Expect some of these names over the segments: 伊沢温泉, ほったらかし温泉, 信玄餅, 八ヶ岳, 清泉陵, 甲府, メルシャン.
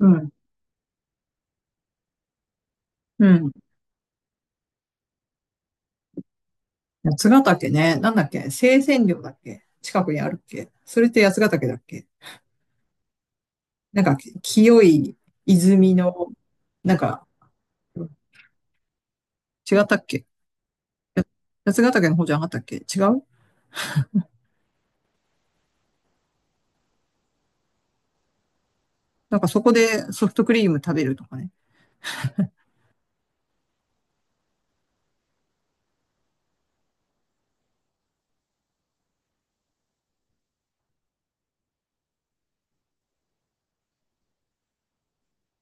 うん。うん。八ヶ岳ね。なんだっけ、清泉陵だっけ？近くにあるっけ？それって八ヶ岳だっけ？なんか、清い泉の、なんか、違ったっけ？八ヶ岳の方じゃなかったっけ？違う。なんかそこでソフトクリーム食べるとかね。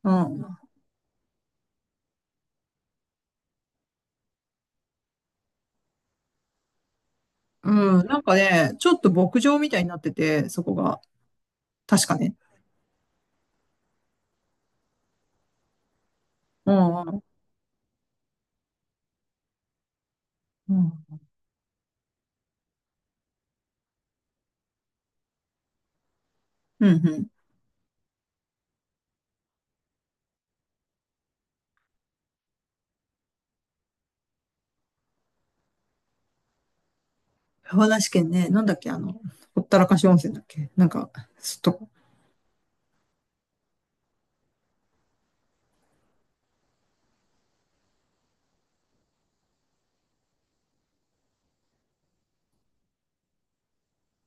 うん。うん。なんかね、ちょっと牧場みたいになってて、そこが。確かね。うん。うん。うん。うんうん。山梨県ね。なんだっけ、ほったらかし温泉だっけ？なんか、ちょっと。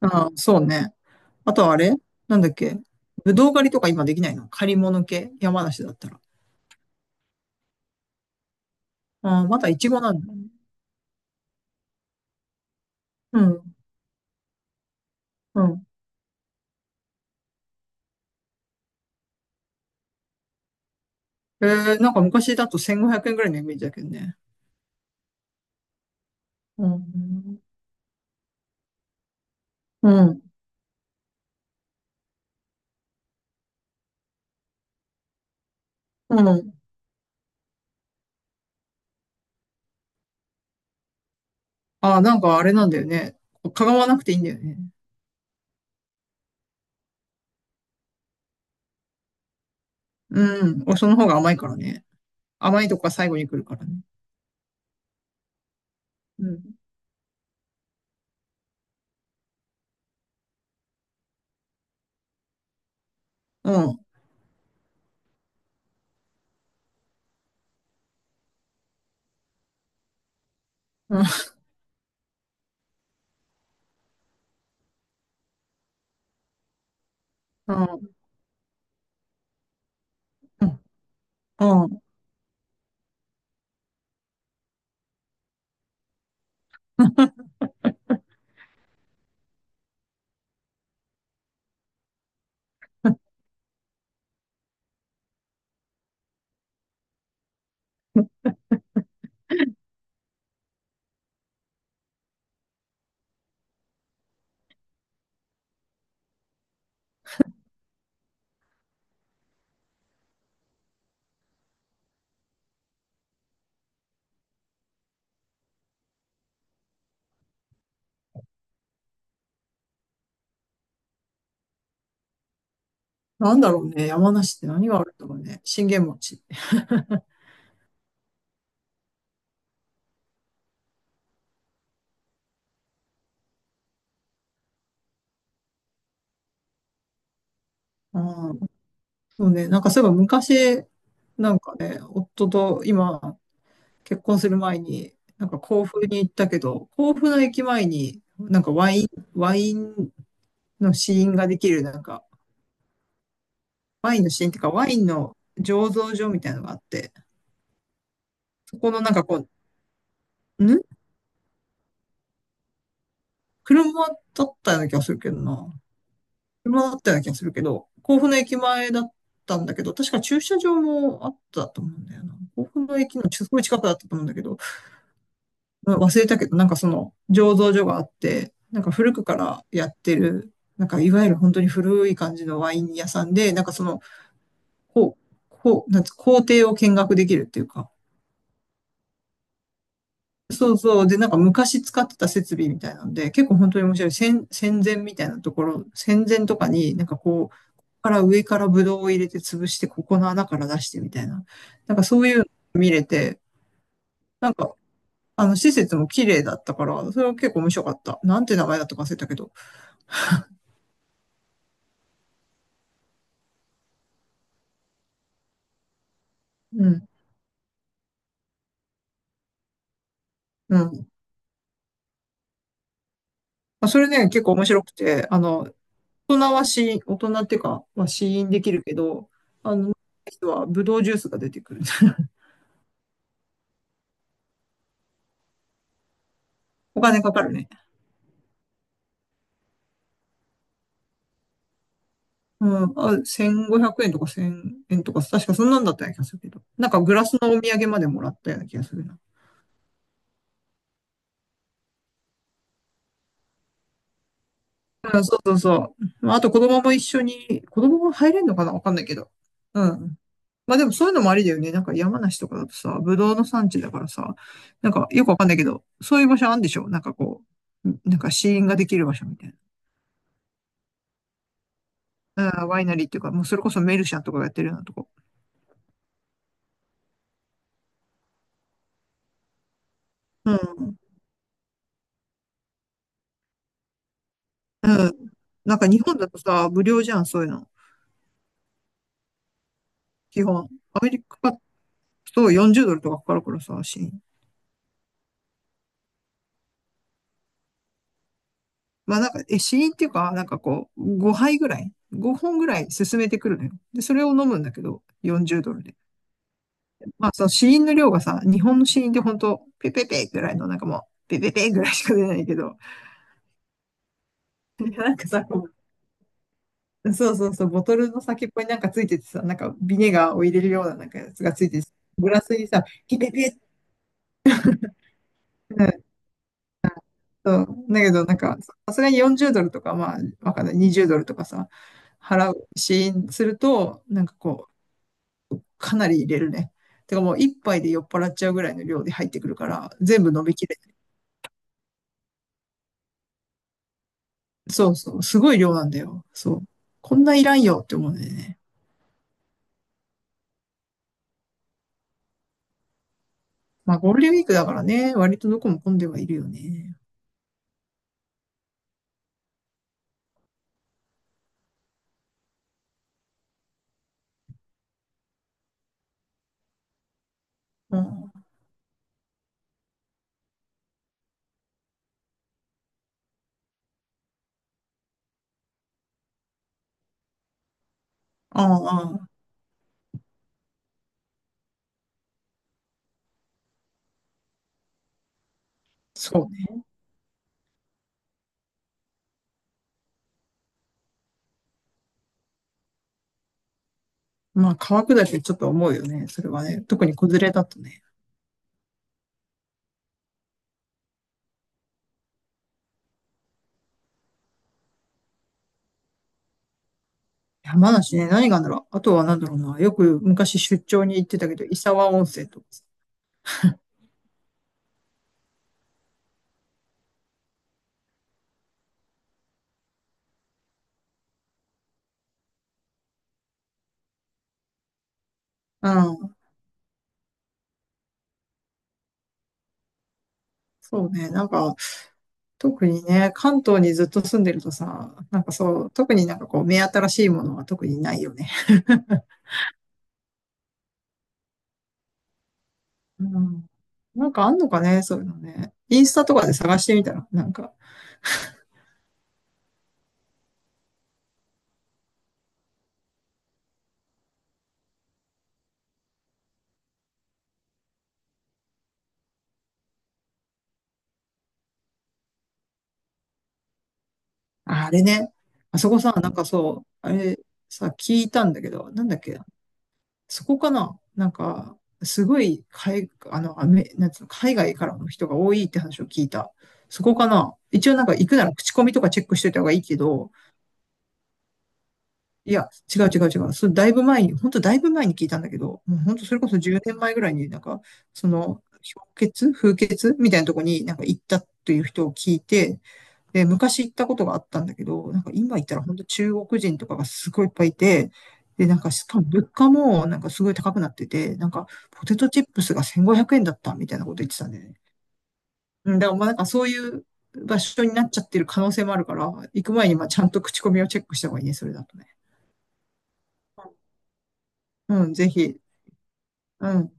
ああ、そうね。あとはあれ、なんだっけ、ぶどう狩りとか今できないの？借り物系、山梨だったら。ああ、まだイチゴなんだね。うん。うん。えー、なんか昔だと1500円ぐらいのイメージだけどね。うん。うん。うん。ああ、なんかあれなんだよね。かがわなくていいんだよね。うん、おその方が甘いからね。甘いとこが最後に来るからね。うん。うん。うん。うん。うん。うん。なんだろうね。山梨って何があるんだろうね。信玄餅。うん。そうね、なんかそういえば昔、なんかね、夫と今、結婚する前に、なんか甲府に行ったけど、甲府の駅前に、なんかワイン、ワインの試飲ができる、なんか、ワインの試飲っていうか、ワインの醸造所みたいなのがあって、そこのなんかこう、ん、車だったような気がするけどな。車だったような気がするけど、甲府の駅前だったんだけど、確か駐車場もあったと思うんだよな。甲府の駅のすごい近くだったと思うんだけど、忘れたけど、なんかその醸造所があって、なんか古くからやってる、なんかいわゆる本当に古い感じのワイン屋さんで、なんかその、こう、なんつ工程を見学できるっていうか、そうそう。で、なんか昔使ってた設備みたいなので、結構本当に面白い。戦前みたいなところ、戦前とかになんかこう、から上からブドウを入れて潰して、ここの穴から出してみたいな。なんかそういう、施設も綺麗だったから、それは結構面白かった。なんて名前だったか忘れたけど。うん。うん。まあ、それね、結構面白くて、あの、大人は試飲、大人っていうか、まあ、試飲できるけど、あの、人はブドウジュースが出てくる。お金かかるね。うん、あ、1500円とか1000円とか、確かそんなんだったような気がするけど。なんかグラスのお土産までもらったような気がするな。うん、そうそうそう。まああと子供も一緒に、子供も入れんのかな、わかんないけど。うん。まあでもそういうのもありだよね。なんか山梨とかだとさ、ぶどうの産地だからさ、なんかよくわかんないけど、そういう場所あるんでしょ、なんかこう、ん、なんか試飲ができる場所みたいな。あー、ワイナリーっていうか、もうそれこそメルシャンとかがやってるようなとこ。うん。うん。なんか日本だとさ、無料じゃん、そういうの。基本。アメリカだと40ドルとかかかるからさ、試飲。まあなんか、え、試飲っていうか、なんかこう、5杯ぐらい、5本ぐらい進めてくるのよ。で、それを飲むんだけど、40ドルで。まあ、その子音の量がさ、日本の子音って本当ペペペぐらいの、なんかもう、ペペペぐらいしか出ないけど、なんかさ、こう、そうそうそう、ボトルの先っぽになんかついててさ、なんかビネガーを入れるようななんかやつがついてて、グラスにさ、ピペペって、うん、そう、だけどなんか、さすがに40ドルとか、まあ、わかんない、20ドルとかさ、払う子音すると、なんかこう、かなり入れるね。てかもう一杯で酔っ払っちゃうぐらいの量で入ってくるから、全部飲みきれ、そうそう、すごい量なんだよ。そう。こんないらんよって思うんだよね。まあ、ゴールデンウィークだからね、割とどこも混んではいるよね。うん。ああ、そうね。まあ、川下りってちょっと思うよね。それはね。特に子連れだとね。山梨ね、何があるんだろう。あとは何だろうな。よく昔出張に行ってたけど、伊沢温泉とかさ。うん。そうね。なんか、特にね、関東にずっと住んでるとさ、なんかそう、特になんかこう、目新しいものは特にないよね。うん。なんかあんのかね、そういうのね。インスタとかで探してみたら、なんか、ああ、れね、あそこさ、なんかそう、あれさ、聞いたんだけど、なんだっけ、そこかな、なんか、すごい、海、あの、アメ、なんつうの、海外からの人が多いって話を聞いた。そこかな。一応なんか行くなら口コミとかチェックしておいた方がいいけど、いや、違う違う違う。それだいぶ前に、本当だいぶ前に聞いたんだけど、もう本当それこそ10年前ぐらいになんか、その、氷結風結みたいなとこになんか行ったという人を聞いて、で、昔行ったことがあったんだけど、なんか今行ったら本当中国人とかがすごいいっぱいいて、で、なんかしかも物価もなんかすごい高くなってて、なんかポテトチップスが1500円だったみたいなこと言ってたんだよね。うん、だからまあなんかそういう場所になっちゃってる可能性もあるから、行く前にまあちゃんと口コミをチェックした方がいいね、それだとね。うん、ぜひ。うん。